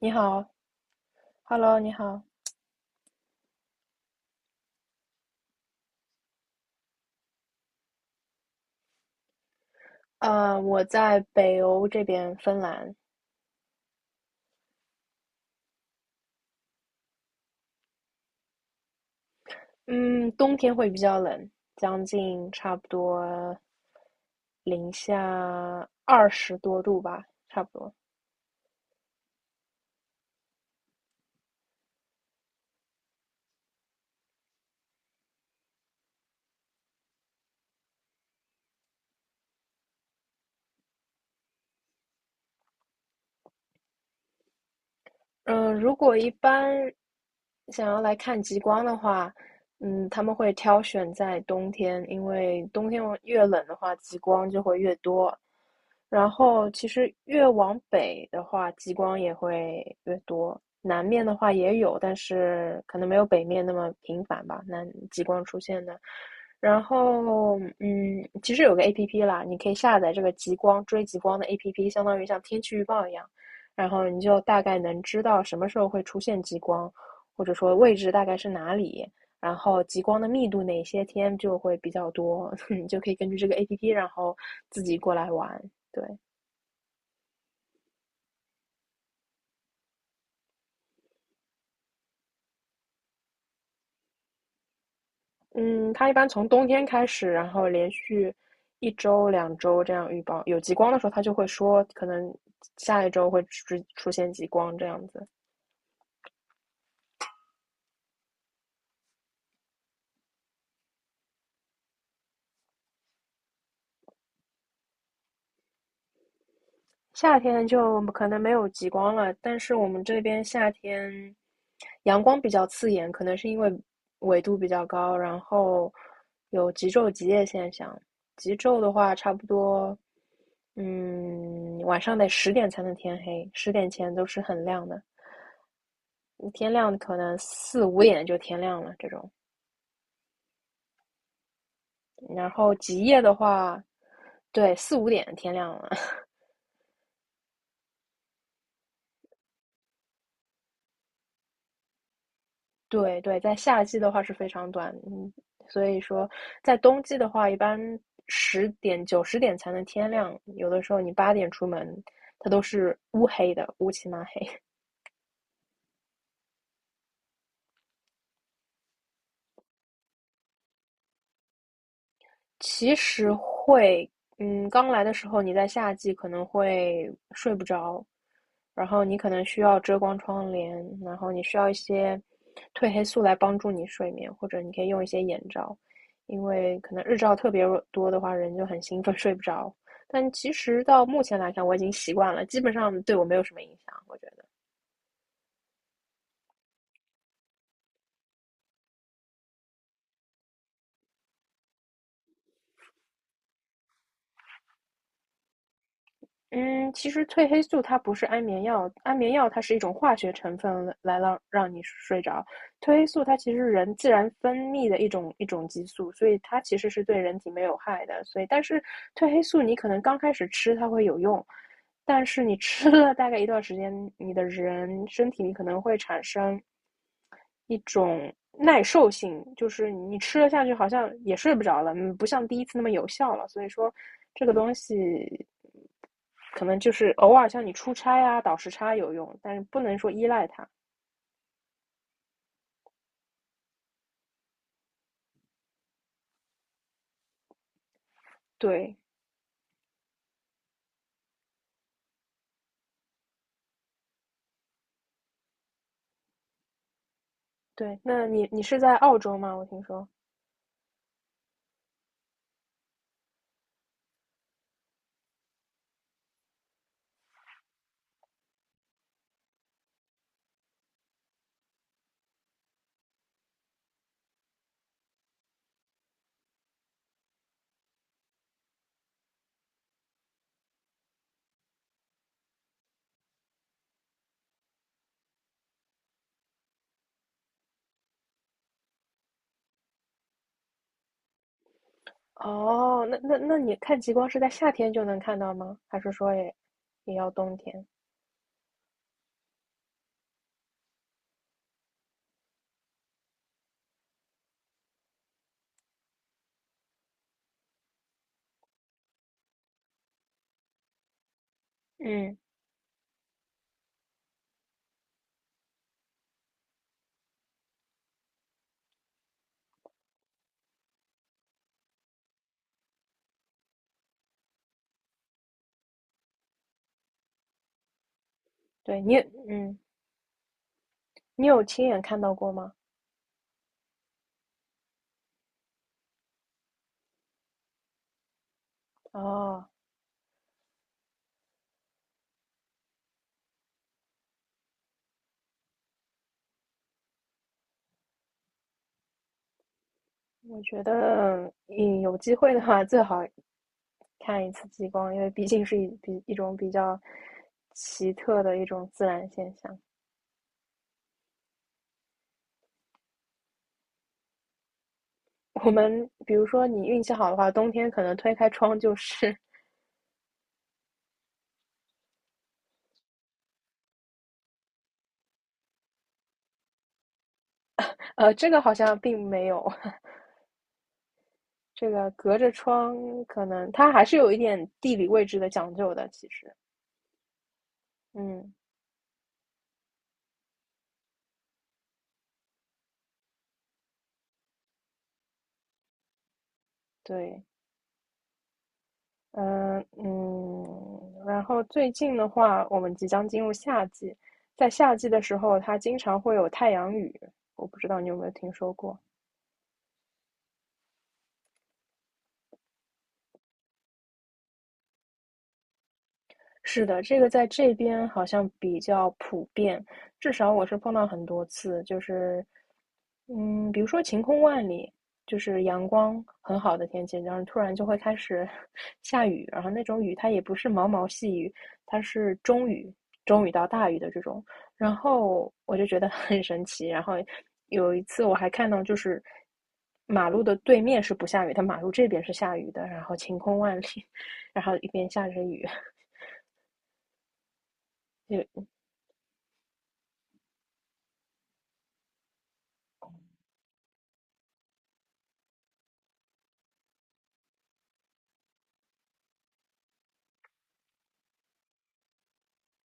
你好，Hello，你好。我在北欧这边，芬兰。嗯，冬天会比较冷，将近差不多零下20多度吧，差不多。嗯，如果一般想要来看极光的话，嗯，他们会挑选在冬天，因为冬天越冷的话，极光就会越多。然后其实越往北的话，极光也会越多。南面的话也有，但是可能没有北面那么频繁吧，南极光出现的。然后，嗯，其实有个 APP 啦，你可以下载这个极光追极光的 APP,相当于像天气预报一样，然后你就大概能知道什么时候会出现极光。或者说位置大概是哪里，然后极光的密度哪些天就会比较多，你就可以根据这个 APP,然后自己过来玩。对。嗯，它一般从冬天开始，然后连续1周、2周这样预报，有极光的时候，它就会说可能下1周会出现极光这样子。夏天就可能没有极光了，但是我们这边夏天阳光比较刺眼，可能是因为纬度比较高，然后有极昼极夜现象。极昼的话，差不多，嗯，晚上得十点才能天黑，十点前都是很亮的。天亮可能四五点就天亮了这种，然后极夜的话，对，四五点天亮了。对对，在夏季的话是非常短，嗯，所以说在冬季的话，一般10点,9、10点才能天亮，有的时候你8点出门，它都是乌黑的，乌漆嘛黑。其实会，嗯，刚来的时候你在夏季可能会睡不着，然后你可能需要遮光窗帘，然后你需要一些褪黑素来帮助你睡眠，或者你可以用一些眼罩，因为可能日照特别多的话，人就很兴奋 睡不着。但其实到目前来看，我已经习惯了，基本上对我没有什么影响，我觉得。嗯，其实褪黑素它不是安眠药，安眠药它是一种化学成分来让你睡着，褪黑素它其实是人自然分泌的一种激素，所以它其实是对人体没有害的。所以，但是褪黑素你可能刚开始吃它会有用，但是你吃了大概一段时间，你的人身体里可能会产生一种耐受性，就是你吃了下去好像也睡不着了，嗯不像第一次那么有效了。所以说，这个东西可能就是偶尔像你出差啊、倒时差有用，但是不能说依赖它。对对，那你是在澳洲吗？我听说。哦，那你看极光是在夏天就能看到吗？还是说也也要冬天？嗯。对,嗯，你有亲眼看到过吗？哦。我觉得，嗯，有机会的话，最好看一次极光，因为毕竟是一种比较奇特的一种自然现象。我们比如说，你运气好的话，冬天可能推开窗就是。这个好像并没有。这个隔着窗可能它还是有一点地理位置的讲究的，其实，嗯。对。嗯嗯，然后最近的话，我们即将进入夏季，在夏季的时候，它经常会有太阳雨，我不知道你有没有听说过。是的，这个在这边好像比较普遍，至少我是碰到很多次，就是嗯，比如说晴空万里，就是阳光很好的天气，然后突然就会开始 下雨，然后那种雨它也不是毛毛细雨，它是中雨，中雨到大雨的这种，然后我就觉得 很神奇。然后有一次我还看到，就是马路的对面是不下雨，它马路这边是下雨的，然后晴空万里，然后一边下着雨。就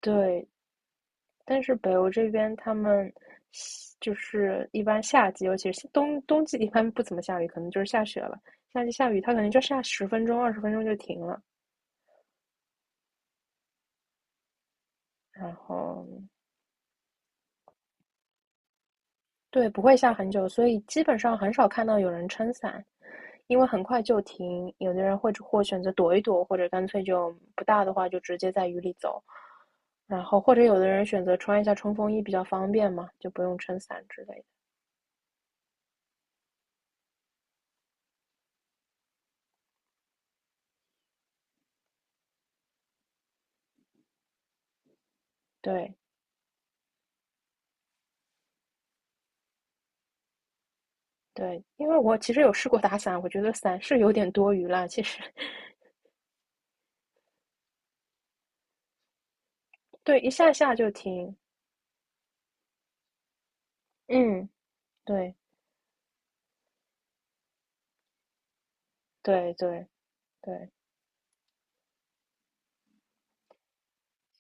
对，但是北欧这边他们就是一般夏季，尤其是冬季一般不怎么下雨，可能就是下雪了。夏季下雨，它可能就下10分钟、20分钟就停了。然后对，不会下很久，所以基本上很少看到有人撑伞，因为很快就停。有的人会或选择躲一躲，或者干脆就不大的话就直接在雨里走。然后或者有的人选择穿一下冲锋衣比较方便嘛，就不用撑伞之类的。对，对，因为我其实有试过打伞，我觉得伞是有点多余啦，其实。对，一下下就停。嗯，对，对，对，对，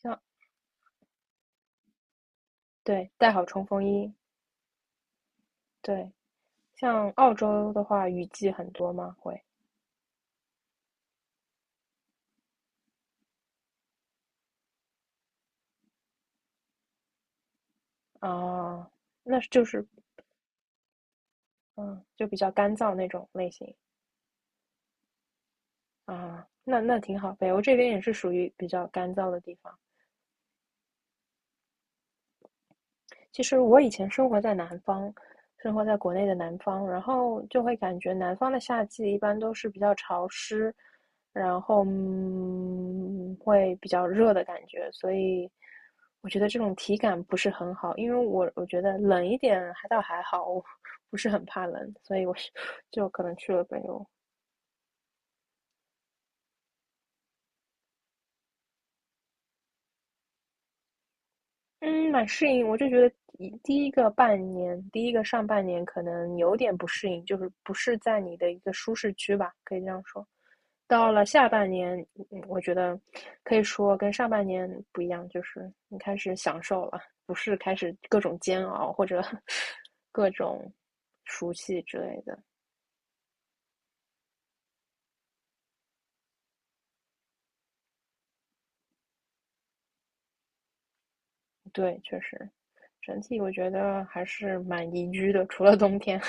像，对，带好冲锋衣。对，像澳洲的话，雨季很多吗？会啊，那就是，嗯，就比较干燥那种类型啊，那那挺好。北欧这边也是属于比较干燥的地方。其实我以前生活在南方，生活在国内的南方，然后就会感觉南方的夏季一般都是比较潮湿，然后嗯会比较热的感觉，所以我觉得这种体感不是很好，因为我觉得冷一点还倒还好，我 不是很怕冷，所以我是 就可能去了北欧。嗯，蛮适应。我就觉得第一个半年，第一个上半年可能有点不适应，就是不是在你的一个舒适区吧，可以这样说。到了下半年，嗯我觉得可以说跟上半年不一样，就是你开始享受了，不是开始各种煎熬或者 各种熟悉之类的。对，确实，整体我觉得还是蛮宜居的，除了冬天。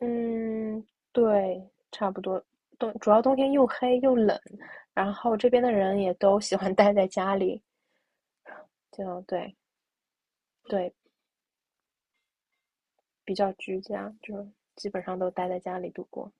嗯，对，差不多。冬，主要冬天又黑又冷，然后这边的人也都喜欢 待在家里，就对对，比较居家，就基本上都待在家里度过。